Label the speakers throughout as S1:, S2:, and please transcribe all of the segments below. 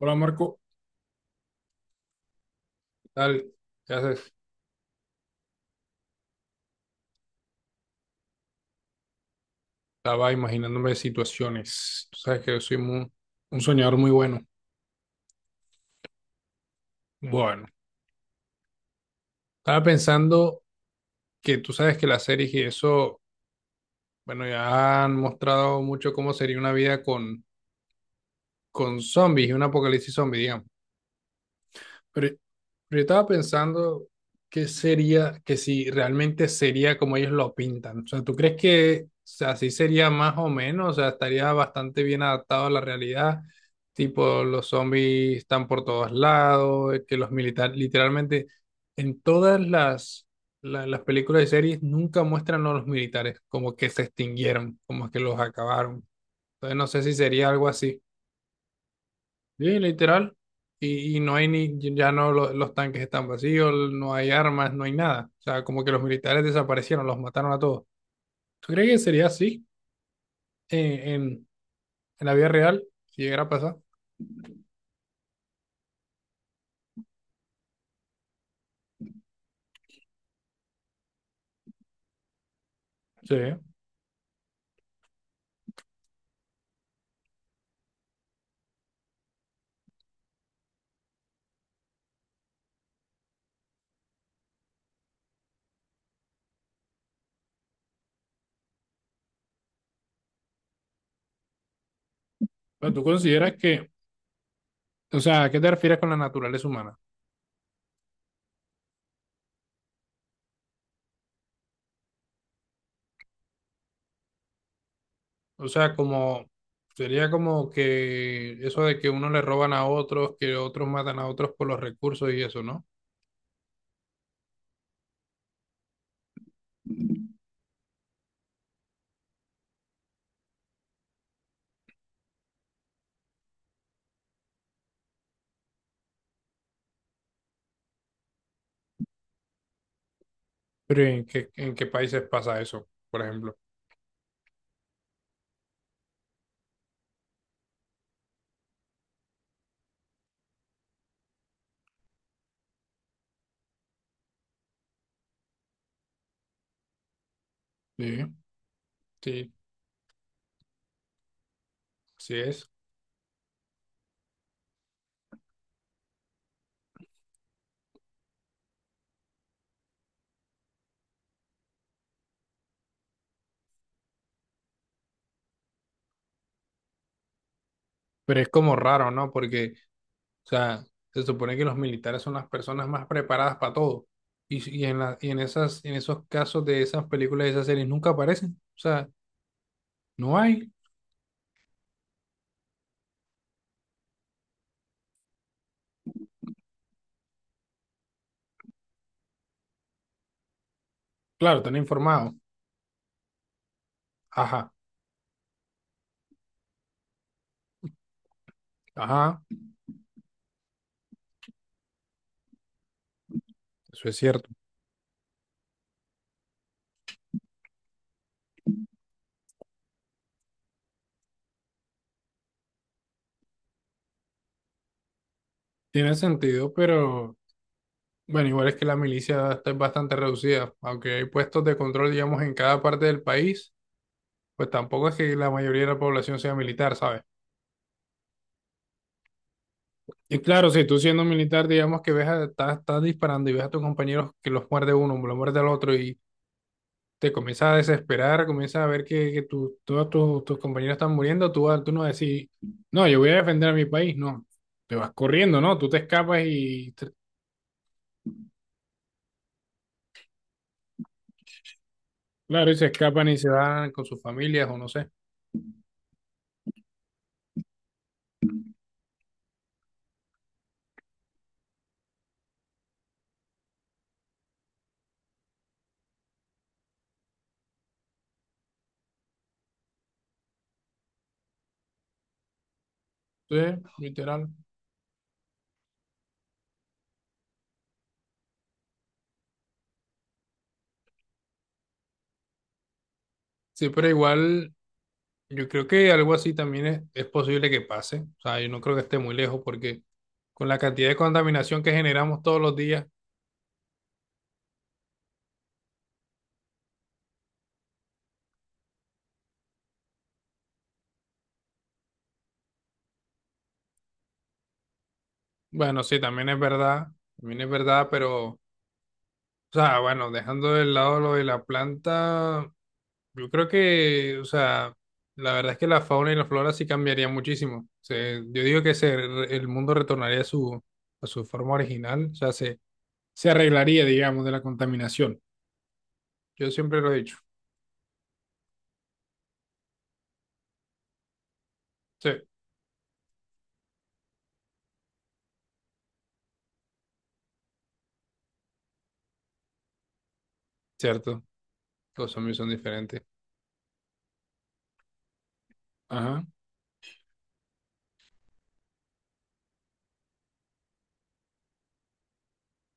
S1: Hola Marco, ¿qué tal? ¿Qué haces? Estaba imaginándome situaciones. Tú sabes que yo soy muy- un soñador muy bueno. Bueno, estaba pensando que tú sabes que las series y eso, bueno, ya han mostrado mucho cómo sería una vida con zombies y un apocalipsis zombie, digamos. Pero, pero yo estaba pensando qué sería, que si realmente sería como ellos lo pintan. O sea, ¿tú crees que o sea, así sería más o menos? O sea, estaría bastante bien adaptado a la realidad. Tipo, los zombies están por todos lados, que los militares, literalmente, en todas las películas y series nunca muestran a los militares como que se extinguieron, como que los acabaron. Entonces, no sé si sería algo así. Sí, literal. Y no hay ni, ya no los tanques están vacíos, no hay armas, no hay nada. O sea, como que los militares desaparecieron, los mataron a todos. ¿Tú crees que sería así en en la vida real si llegara a pasar? Sí. Pero tú consideras que, o sea, ¿a qué te refieres con la naturaleza humana? O sea, como sería como que eso de que unos le roban a otros, que otros matan a otros por los recursos y eso, ¿no? Pero ¿en qué países pasa eso, por ejemplo? Sí, sí, sí es. Pero es como raro, ¿no? Porque, o sea, se supone que los militares son las personas más preparadas para todo. Y en y en esas, en esos casos de esas películas de esas series nunca aparecen. O sea, no hay. Claro, están informados. Ajá, ajá, eso es cierto. Tiene sentido, pero bueno, igual es que la milicia está bastante reducida. Aunque hay puestos de control, digamos, en cada parte del país, pues tampoco es que la mayoría de la población sea militar, ¿sabes? Y claro, si tú siendo militar, digamos que ves a, estás, estás disparando y ves a tus compañeros que los muerde uno, lo muerde al otro y te comienzas a desesperar, comienzas a ver que todos tus, tus compañeros están muriendo, tú, vas- tú no decís, no, yo voy a defender a mi país, no, te vas corriendo, ¿no? Tú te escapas y, te- claro, y se escapan y se van con sus familias o no sé. Entonces, literal. Sí, pero igual, yo creo que algo así también es posible que pase. O sea, yo no creo que esté muy lejos porque con la cantidad de contaminación que generamos todos los días. Bueno, sí, también es verdad, pero, o sea, bueno, dejando de lado lo de la planta, yo creo que, o sea, la verdad es que la fauna y la flora sí cambiaría muchísimo. Se- yo digo que se, el mundo retornaría a su forma original, o sea, se arreglaría, digamos, de la contaminación. Yo siempre lo he dicho. Sí, cierto, los zombies son diferentes. Ajá,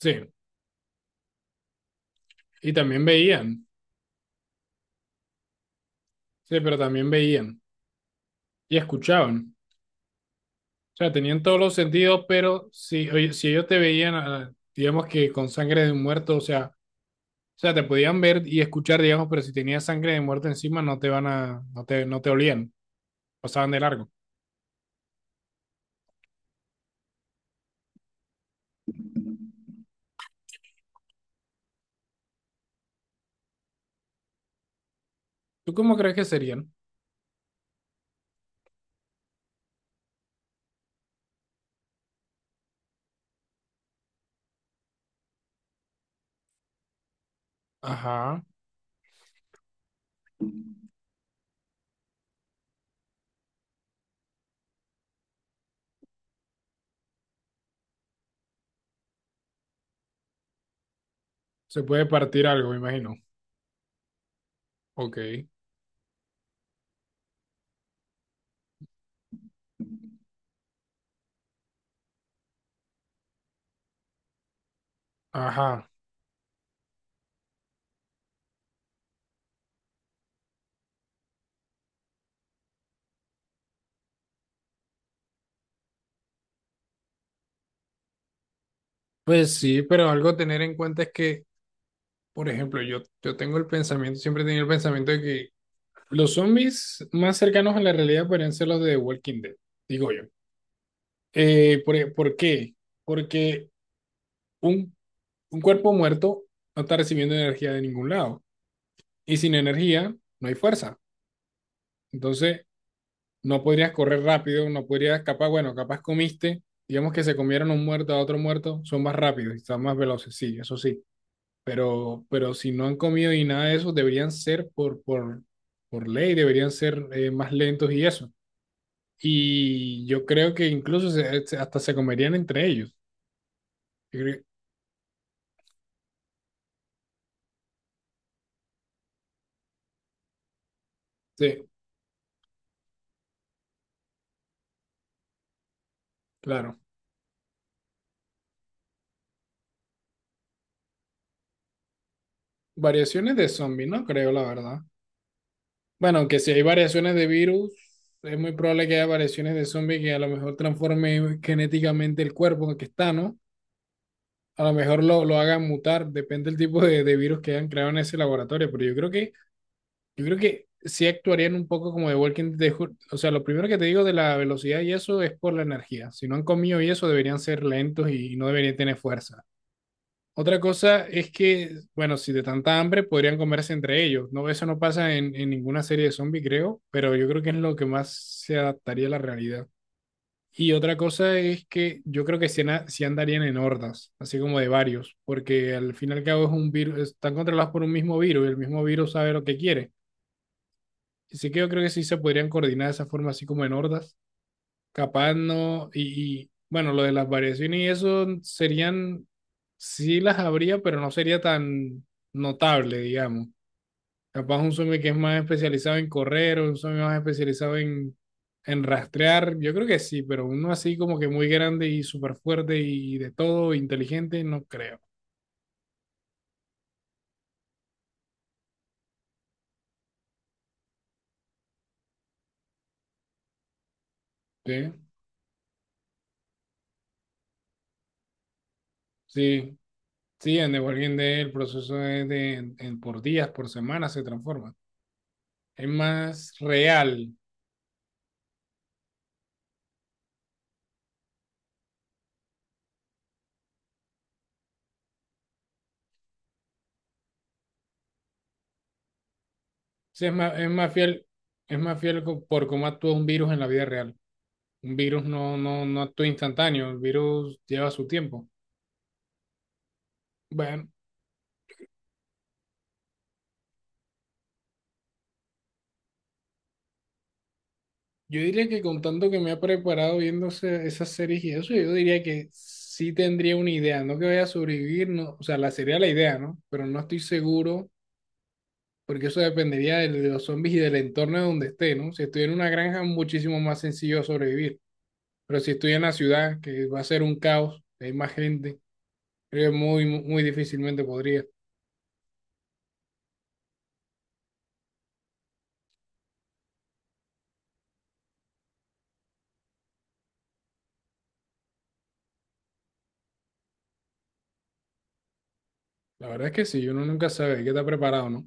S1: sí, y también veían, sí, pero también veían y escuchaban. O sea, tenían todos los sentidos, pero si, oye, si ellos te veían, ah, digamos que con sangre de un muerto, o sea, te podían ver y escuchar, digamos, pero si tenías sangre de muerto encima, no te van a, no te, no te olían, pasaban de largo. ¿Tú cómo crees que serían? Ajá, se puede partir algo, me imagino. Ok, ajá. Pues sí, pero algo a tener en cuenta es que, por ejemplo, yo tengo el pensamiento, siempre he tenido el pensamiento de que los zombies más cercanos a la realidad podrían ser los de The Walking Dead, digo yo. Por, e- ¿por qué? Porque un, un cuerpo muerto no está recibiendo energía de ningún lado. Y sin energía no hay fuerza. Entonces, no podrías correr rápido, no podrías, capaz, bueno, capaz comiste, digamos que se comieron un muerto a otro muerto, son más rápidos y están más veloces, sí, eso sí. Pero si no han comido y nada de eso, deberían ser por ley, deberían ser más lentos y eso. Y yo creo que incluso hasta se comerían entre ellos. Yo creo- sí, claro. Variaciones de zombie, no creo, la verdad. Bueno, que si hay variaciones de virus, es muy probable que haya variaciones de zombie que a lo mejor transforme genéticamente el cuerpo en el que está, ¿no? A lo mejor lo hagan mutar, depende del tipo de virus que hayan creado en ese laboratorio, pero yo creo que sí actuarían un poco como de Walking Dead. Ju- O sea, lo primero que te digo de la velocidad y eso es por la energía. Si no han comido y eso, deberían ser lentos y no deberían tener fuerza. Otra cosa es que, bueno, si de tanta hambre podrían comerse entre ellos. No, eso no pasa en ninguna serie de zombies, creo, pero yo creo que es lo que más se adaptaría a la realidad. Y otra cosa es que yo creo que sí, na- sí andarían en hordas, así como de varios, porque al fin y al cabo es un virus, están controlados por un mismo virus y el mismo virus sabe lo que quiere. Así que yo creo que sí se podrían coordinar de esa forma, así como en hordas. Capaz no, bueno, lo de las variaciones y eso serían, sí las habría, pero no sería tan notable, digamos. Capaz un zombie que es más especializado en correr o un zombie más especializado en rastrear, yo creo que sí, pero uno así como que muy grande y súper fuerte y de todo, inteligente, no creo. Sí, sí, sí, en The Walking Dead el proceso es de, por días, por semanas se transforma. Es más real. Sí, es más fiel co- por cómo actúa un virus en la vida real. Un virus no actúa instantáneo, el virus lleva su tiempo. Bueno, yo diría que con tanto que me ha preparado viéndose esas series y eso, yo diría que sí tendría una idea, no que vaya a sobrevivir, no, o sea, la sería la idea, ¿no? Pero no estoy seguro, porque eso dependería de, los zombies y del entorno de donde esté, ¿no? Si estoy en una granja, muchísimo más sencillo sobrevivir. Pero si estoy en la ciudad, que va a ser un caos, hay más gente. Creo que muy, muy difícilmente podría. La verdad es que sí, uno nunca sabe, hay que estar preparado, ¿no?